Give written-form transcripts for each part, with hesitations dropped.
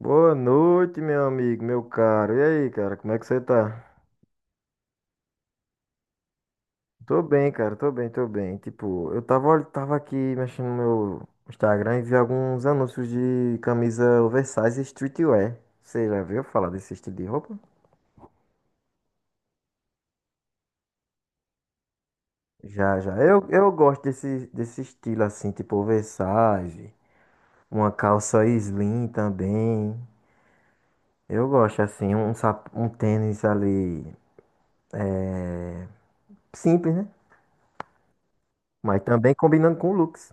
Boa noite, meu amigo, meu caro. E aí, cara, como é que você tá? Tô bem, cara, tô bem. Tipo, eu tava, tava aqui mexendo no meu Instagram e vi alguns anúncios de camisa oversize e streetwear. Você já viu falar desse estilo de roupa? Já, já. Eu gosto desse estilo assim, tipo oversize, uma calça slim também. Eu gosto assim, um tênis ali simples, né? Mas também combinando com looks.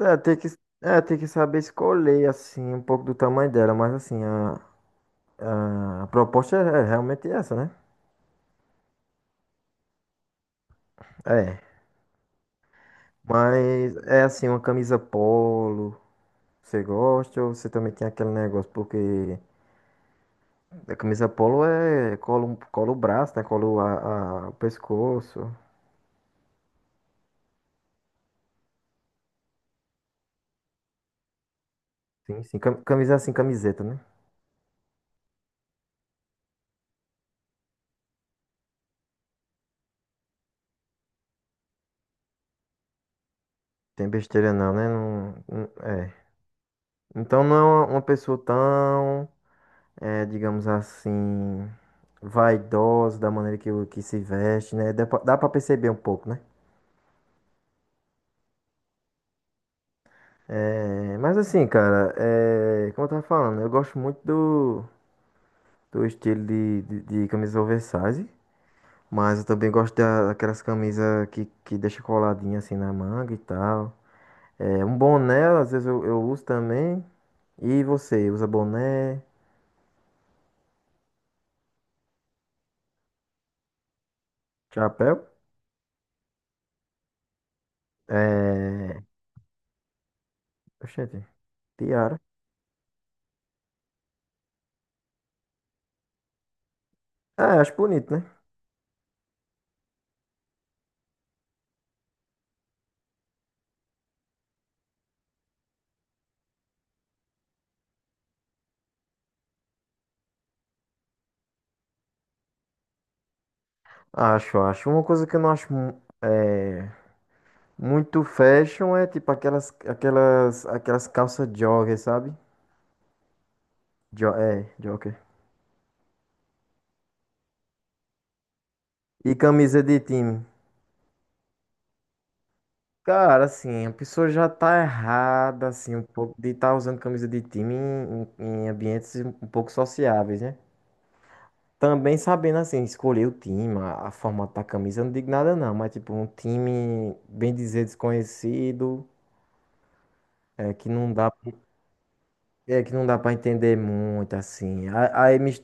É, tem que, tem que saber escolher, assim, um pouco do tamanho dela, mas, assim, a proposta é realmente essa, né? É, mas é, assim, uma camisa polo, você gosta ou você também tem aquele negócio? Porque a camisa polo é, cola, cola o braço, né? Cola o pescoço, sim, sim, camisa, assim, camiseta, né? Tem besteira não, né? É. Então não é uma pessoa tão... é, digamos assim, vaidosa da maneira que, que se veste, né? Dá pra perceber um pouco, né? É, mas assim, cara, é, como eu tava falando, eu gosto muito do estilo de camisa oversize, mas eu também gosto daquelas camisas que deixa coladinha assim na manga e tal. É, um boné, às vezes eu uso também. E você, usa boné, chapéu? É... Oxente, tiara. É, acho bonito, né? Acho, acho. Uma coisa que eu não acho é, muito fashion é tipo aquelas calças jogger, sabe? Jo é, jogger. E camisa de time. Cara, assim, a pessoa já tá errada, assim, um pouco de estar usando camisa de time em, em ambientes um pouco sociáveis, né? Também sabendo, assim, escolher o time, a forma da camisa, eu não digo nada não, mas tipo, um time, bem dizer, desconhecido, é, que não dá É que não dá pra entender muito assim. Aí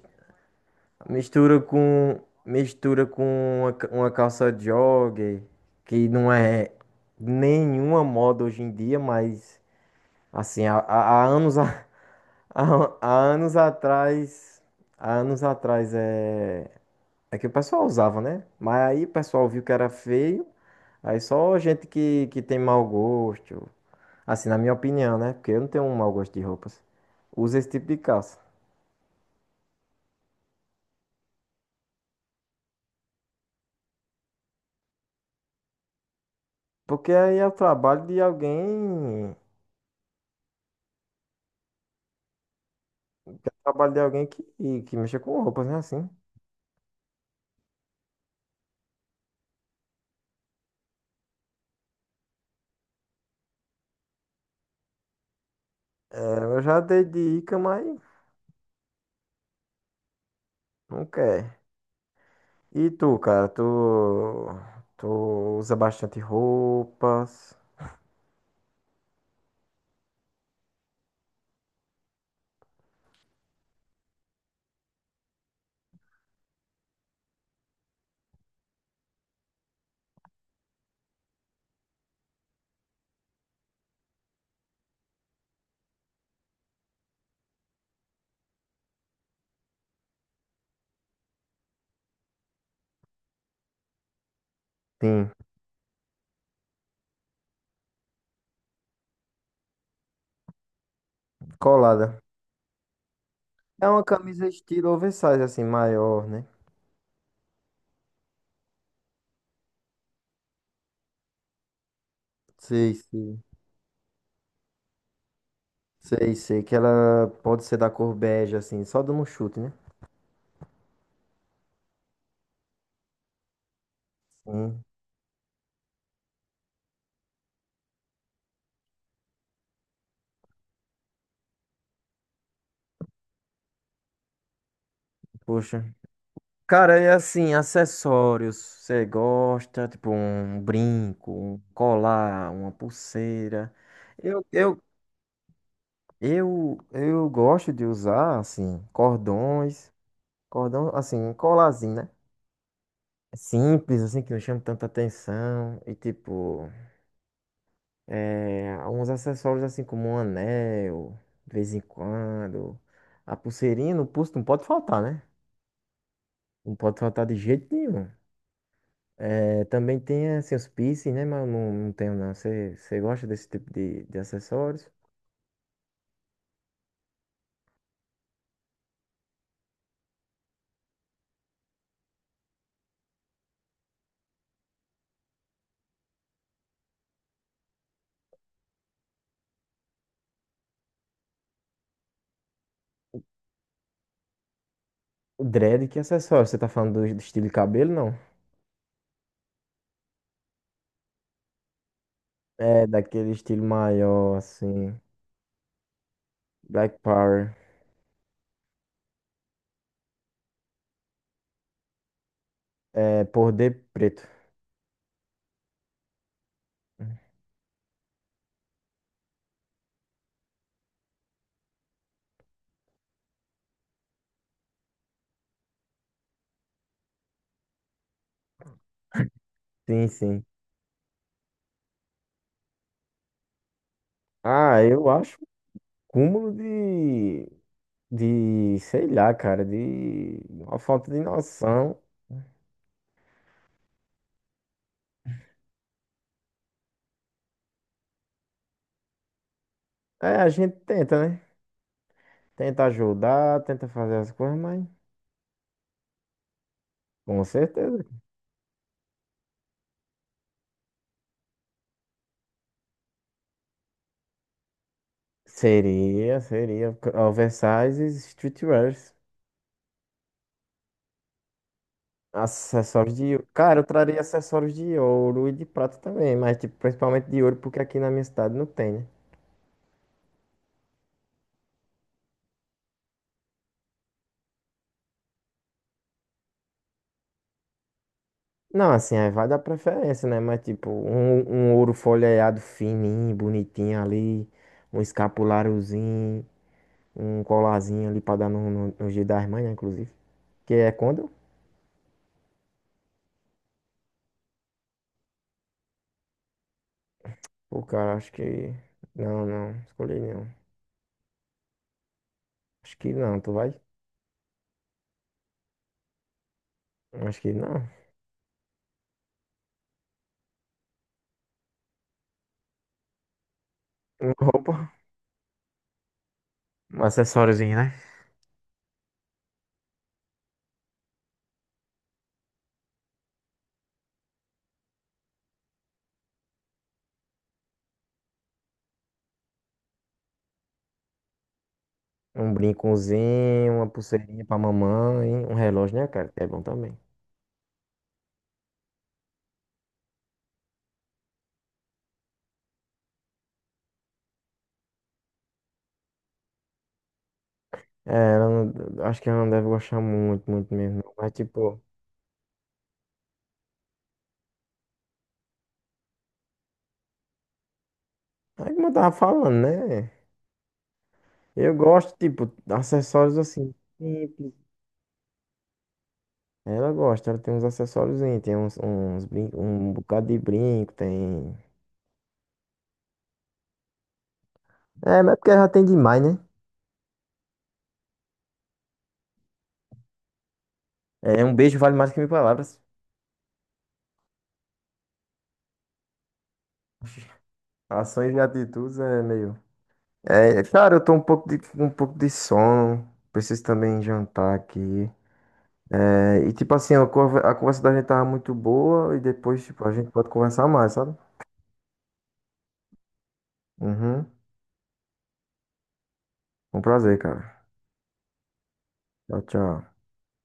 mistura com mistura com uma, uma calça jogger, que não é nenhuma moda hoje em dia, mas assim, há anos há, há anos atrás, há anos atrás é que o pessoal usava, né? Mas aí o pessoal viu que era feio, aí só gente que tem mau gosto, assim, na minha opinião, né? Porque eu não tenho um mau gosto de roupas. Usa esse tipo de calça. Porque aí é o trabalho de alguém. É o trabalho de alguém que mexa com roupas, né? Assim. É, eu já dei dica, mas não quer. E tu, cara? Tu, tu usa bastante roupas? Sim, colada. É uma camisa estilo oversize, assim, maior, né? Sei, sei. Sei, sei. Que ela pode ser da cor bege, assim, só dando um chute, né? Sim, puxa. Cara, é assim, acessórios. Você gosta, tipo um brinco, um colar, uma pulseira. Eu, eu, eu gosto de usar, assim, cordões, cordão, assim, um colarzinho, né? É Simples, assim, que não chama tanta atenção. E, tipo, é, alguns acessórios, assim, como um anel, de vez em quando. A pulseirinha no pulso não pode faltar, né? Não pode faltar de jeito nenhum. É, também tem assim, os piercing, né? Mas eu não, não tenho, não. Você gosta desse tipo de acessórios? O dread, que acessório? Você tá falando do estilo de cabelo, não? É, daquele estilo maior, assim. Black Power. É, poder preto. Sim, sim. Ah, eu acho um cúmulo de, sei lá, cara, de uma falta de noção. É, a gente tenta, né? Tenta ajudar, tenta fazer as coisas, mas com certeza Seria, seria. Oversizes, streetwears. Acessórios de. Cara, eu traria acessórios de ouro e de prata também, mas tipo, principalmente de ouro, porque aqui na minha cidade não tem, né? Não, assim, aí vai dar preferência, né? Mas tipo, um ouro folheado fininho, bonitinho ali, um escapuláriozinho, um colarzinho ali pra dar no dia das mães, né, inclusive. Que é quando? Pô, cara, acho que. Não, não, escolhi não. Acho que não, tu vai? Acho que não. Roupa. Um acessóriozinho, né? Um brincozinho, uma pulseirinha pra mamãe, um relógio, né, cara? Que É bom também. É, ela não, acho que ela não deve gostar muito, muito mesmo, não. Mas, tipo, é como eu tava falando, né? Eu gosto, tipo, de acessórios assim, simples. Ela gosta, ela tem uns acessórios, tem uns, uns brin... um bocado de brinco, tem. É, mas é porque ela já tem demais, né? É, um beijo vale mais que mil palavras. Ações e atitudes é meio. É, cara, eu tô um pouco de, com um pouco de sono. Preciso também jantar aqui. É, e tipo assim, a a conversa da gente tava muito boa e depois, tipo, a gente pode conversar mais, sabe? Uhum. Um prazer, cara. Tchau, tchau.